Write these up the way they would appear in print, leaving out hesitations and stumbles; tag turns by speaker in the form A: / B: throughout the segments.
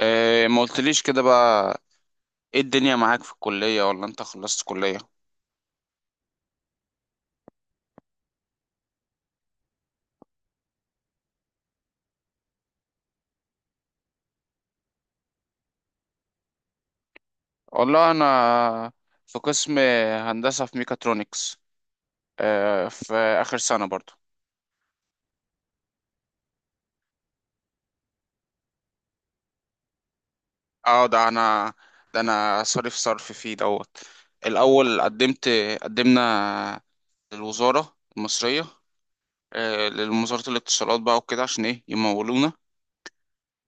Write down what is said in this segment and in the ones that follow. A: إيه ما قلتليش كده بقى. ايه الدنيا معاك في الكلية ولا انت خلصت كلية؟ والله انا في قسم هندسة في ميكاترونكس. إيه في اخر سنة برضو. اه ده انا ده انا صرف فيه دوت. الاول قدمنا للوزارة المصرية. إيه للوزارة الاتصالات بقى وكده عشان ايه يمولونا.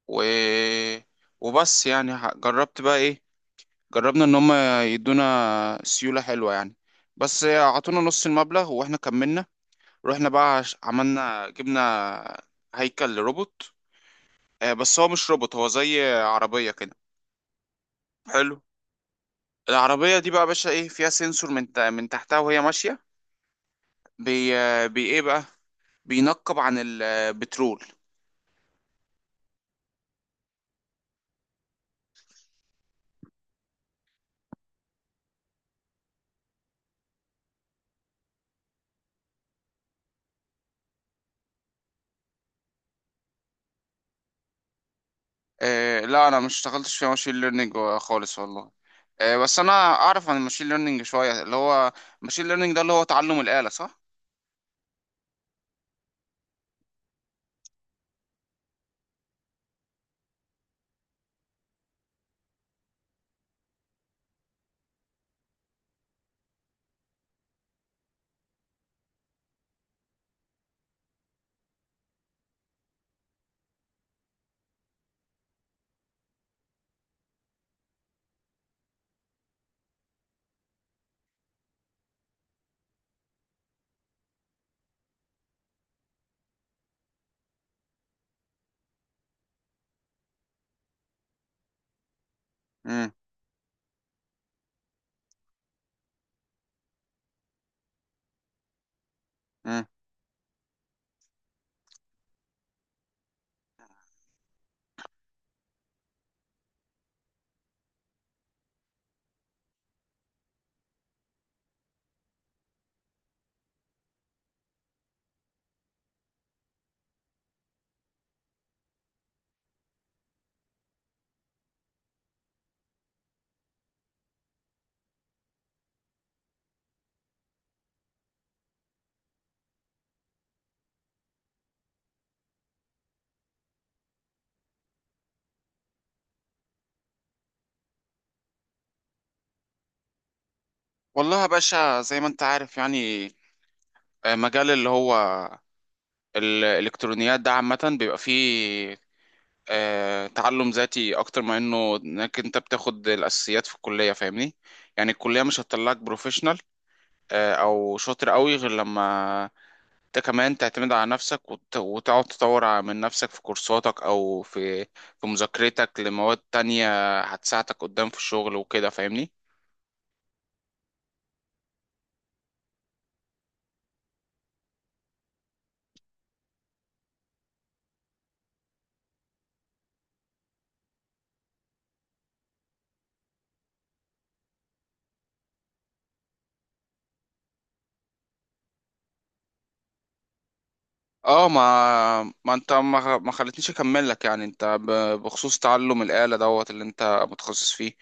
A: و... وبس يعني جربت بقى ايه. جربنا ان هم يدونا سيولة حلوة يعني، بس عطونا نص المبلغ واحنا كملنا. رحنا بقى عملنا جبنا هيكل لروبوت. بس هو مش روبوت، هو زي عربية كده، حلو. العربية دي بقى يا باشا ايه فيها سنسور من تحتها وهي ماشية. بي ايه بقى، بينقب عن البترول. لا، انا مش اشتغلتش في ماشين ليرنينج خالص والله. بس انا اعرف عن الماشين ليرنينج شوية، اللي هو ماشين ليرنينج ده اللي هو تعلم الآلة، صح؟ مم. والله يا باشا زي ما انت عارف يعني، مجال اللي هو الالكترونيات ده عامة بيبقى فيه تعلم ذاتي اكتر ما انه انك انت بتاخد الاساسيات في الكلية، فاهمني؟ يعني الكلية مش هتطلعك بروفيشنال او شاطر قوي غير لما انت كمان تعتمد على نفسك وتقعد تطور من نفسك في كورساتك او في مذاكرتك لمواد تانية هتساعدك قدام في الشغل وكده، فاهمني؟ اه ما ما انت ما خلتنيش اكمل لك، يعني انت بخصوص تعلم الآلة دوت اللي انت متخصص فيه،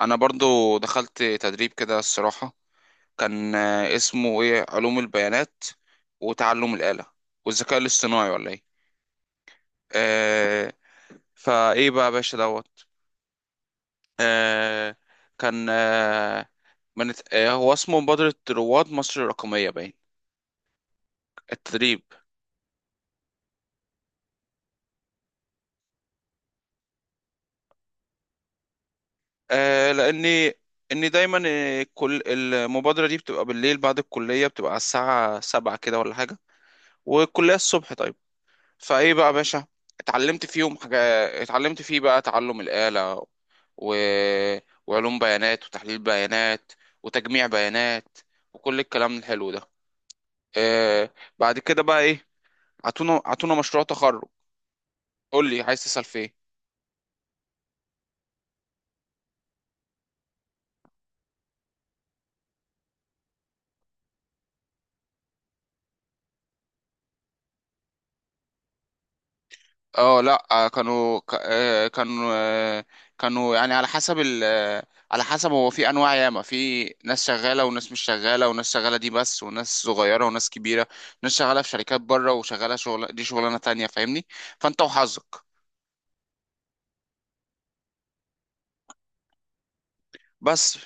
A: انا برضو دخلت تدريب كده الصراحة. كان اسمه ايه، علوم البيانات وتعلم الآلة والذكاء الاصطناعي ولا ايه؟ آه فايه بقى يا باشا دوت. آه كان آه من آه هو اسمه مبادرة رواد مصر الرقمية، باين التدريب. آه لأني إني دايما كل المبادرة دي بتبقى بالليل بعد الكلية، بتبقى على الساعة 7 كده ولا حاجة، والكلية الصبح، طيب. فإيه بقى يا باشا، اتعلمت فيهم حاجة. اتعلمت فيه بقى تعلم الآلة و... وعلوم بيانات وتحليل بيانات وتجميع بيانات وكل الكلام الحلو ده. آه بعد كده بقى إيه، عطونا مشروع تخرج. قول لي عايز تسأل في إيه. اه لا آه، كانوا ك- آه، كانوا آه، كانوا يعني على حسب ال آه، على حسب، هو في انواع ياما، في ناس شغاله وناس مش شغاله، وناس شغاله دي بس، وناس صغيره وناس كبيره، ناس شغاله في شركات بره، وشغاله شغل دي شغلانه تانية، فاهمني؟ فانت وحظك بس.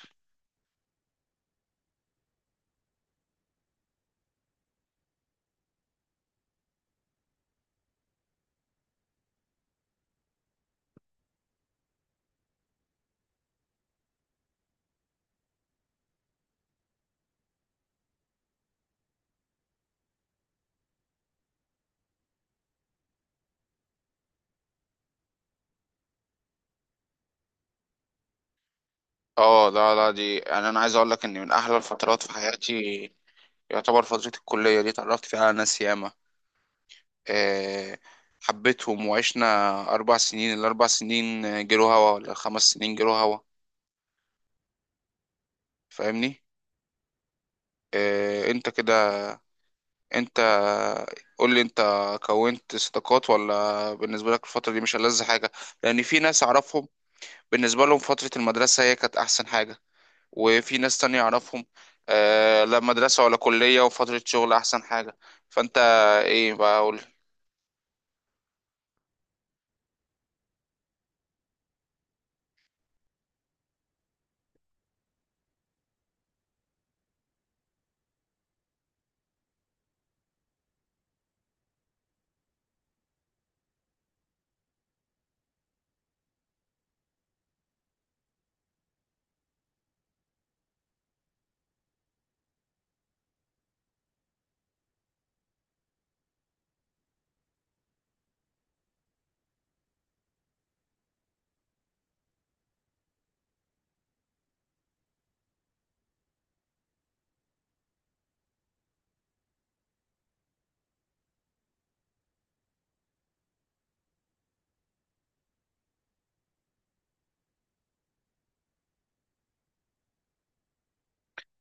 A: اه لا لا، دي يعني انا عايز اقول لك ان من احلى الفترات في حياتي يعتبر فتره الكليه دي. اتعرفت فيها على ناس ياما، آه، حبيتهم، وعشنا اربع سنين ال4 سنين، جرو هوا ولا ال5 سنين جرو هوا، فاهمني؟ إيه انت كده، انت قول لي، انت كونت صداقات ولا بالنسبه لك الفتره دي مش ألذ حاجه؟ لان في ناس اعرفهم بالنسبه لهم فتره المدرسه هي كانت احسن حاجه، وفي ناس تانية اعرفهم لا مدرسه ولا كليه، وفتره شغل احسن حاجه. فانت ايه بقى، قول لي.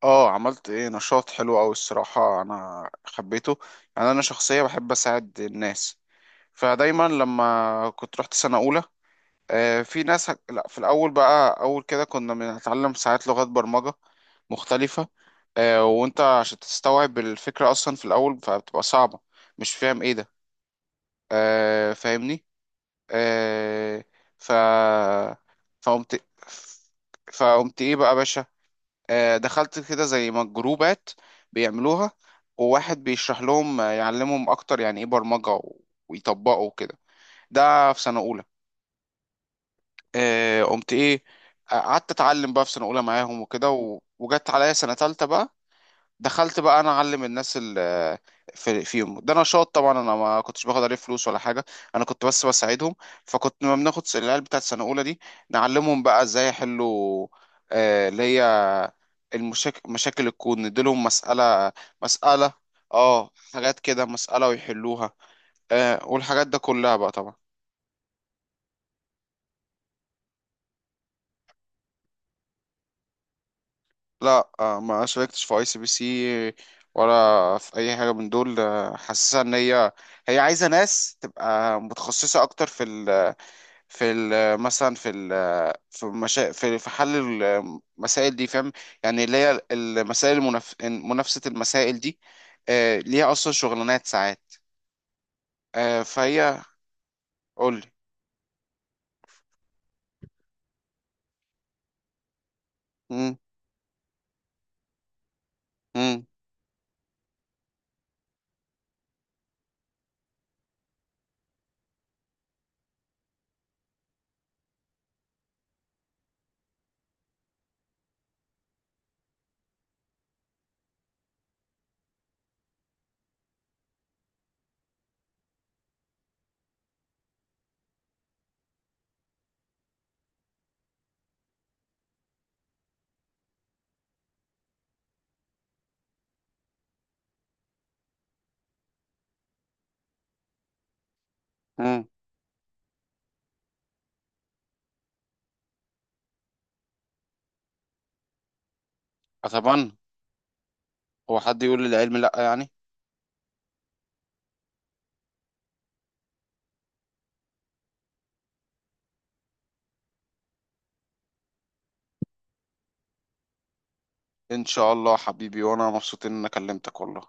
A: اه عملت ايه، نشاط حلو اوي الصراحة، انا حبيته. يعني انا شخصية بحب اساعد الناس، فدايما لما كنت رحت سنة اولى آه، في ناس هك... لا في الأول بقى، أول كده كنا بنتعلم ساعات لغات برمجة مختلفة، وأنت عشان تستوعب الفكرة أصلا في الأول فبتبقى صعبة، مش فاهم إيه ده، فاهمني؟ آه، ف فقمت فقمت إيه بقى يا باشا، دخلت كده زي ما جروبات بيعملوها، وواحد بيشرح لهم يعلمهم أكتر يعني إيه برمجة ويطبقوا كده، ده في سنة أولى. قمت ايه، قعدت اتعلم بقى في سنه اولى معاهم وكده وجت عليا سنه تالتة بقى، دخلت بقى انا اعلم الناس ال- في فيهم. ده نشاط طبعا، انا ما كنتش باخد عليه فلوس ولا حاجه، انا كنت بس بساعدهم. فكنت لما بناخد العيال بتاعت سنه اولى دي، نعلمهم بقى ازاي يحلوا اللي هي مشاكل الكون، نديلهم مساله مساله اه حاجات كده، مساله ويحلوها والحاجات ده كلها بقى طبعا. لا ما شاركتش في ICPC ولا في اي حاجه من دول، حاسسها ان هي، هي عايزه ناس تبقى متخصصه اكتر في ال في ال مثلا في ال في مشا... في في حل المسائل دي، فاهم؟ يعني اللي هي المسائل منافسه، المسائل دي ليها اصلا شغلانات ساعات فهي. قول لي. مم، مم، مم. اتمنى، هو حد يقول لي العلم لا يعني. ان شاء الله حبيبي، وانا مبسوط ان انا كلمتك والله.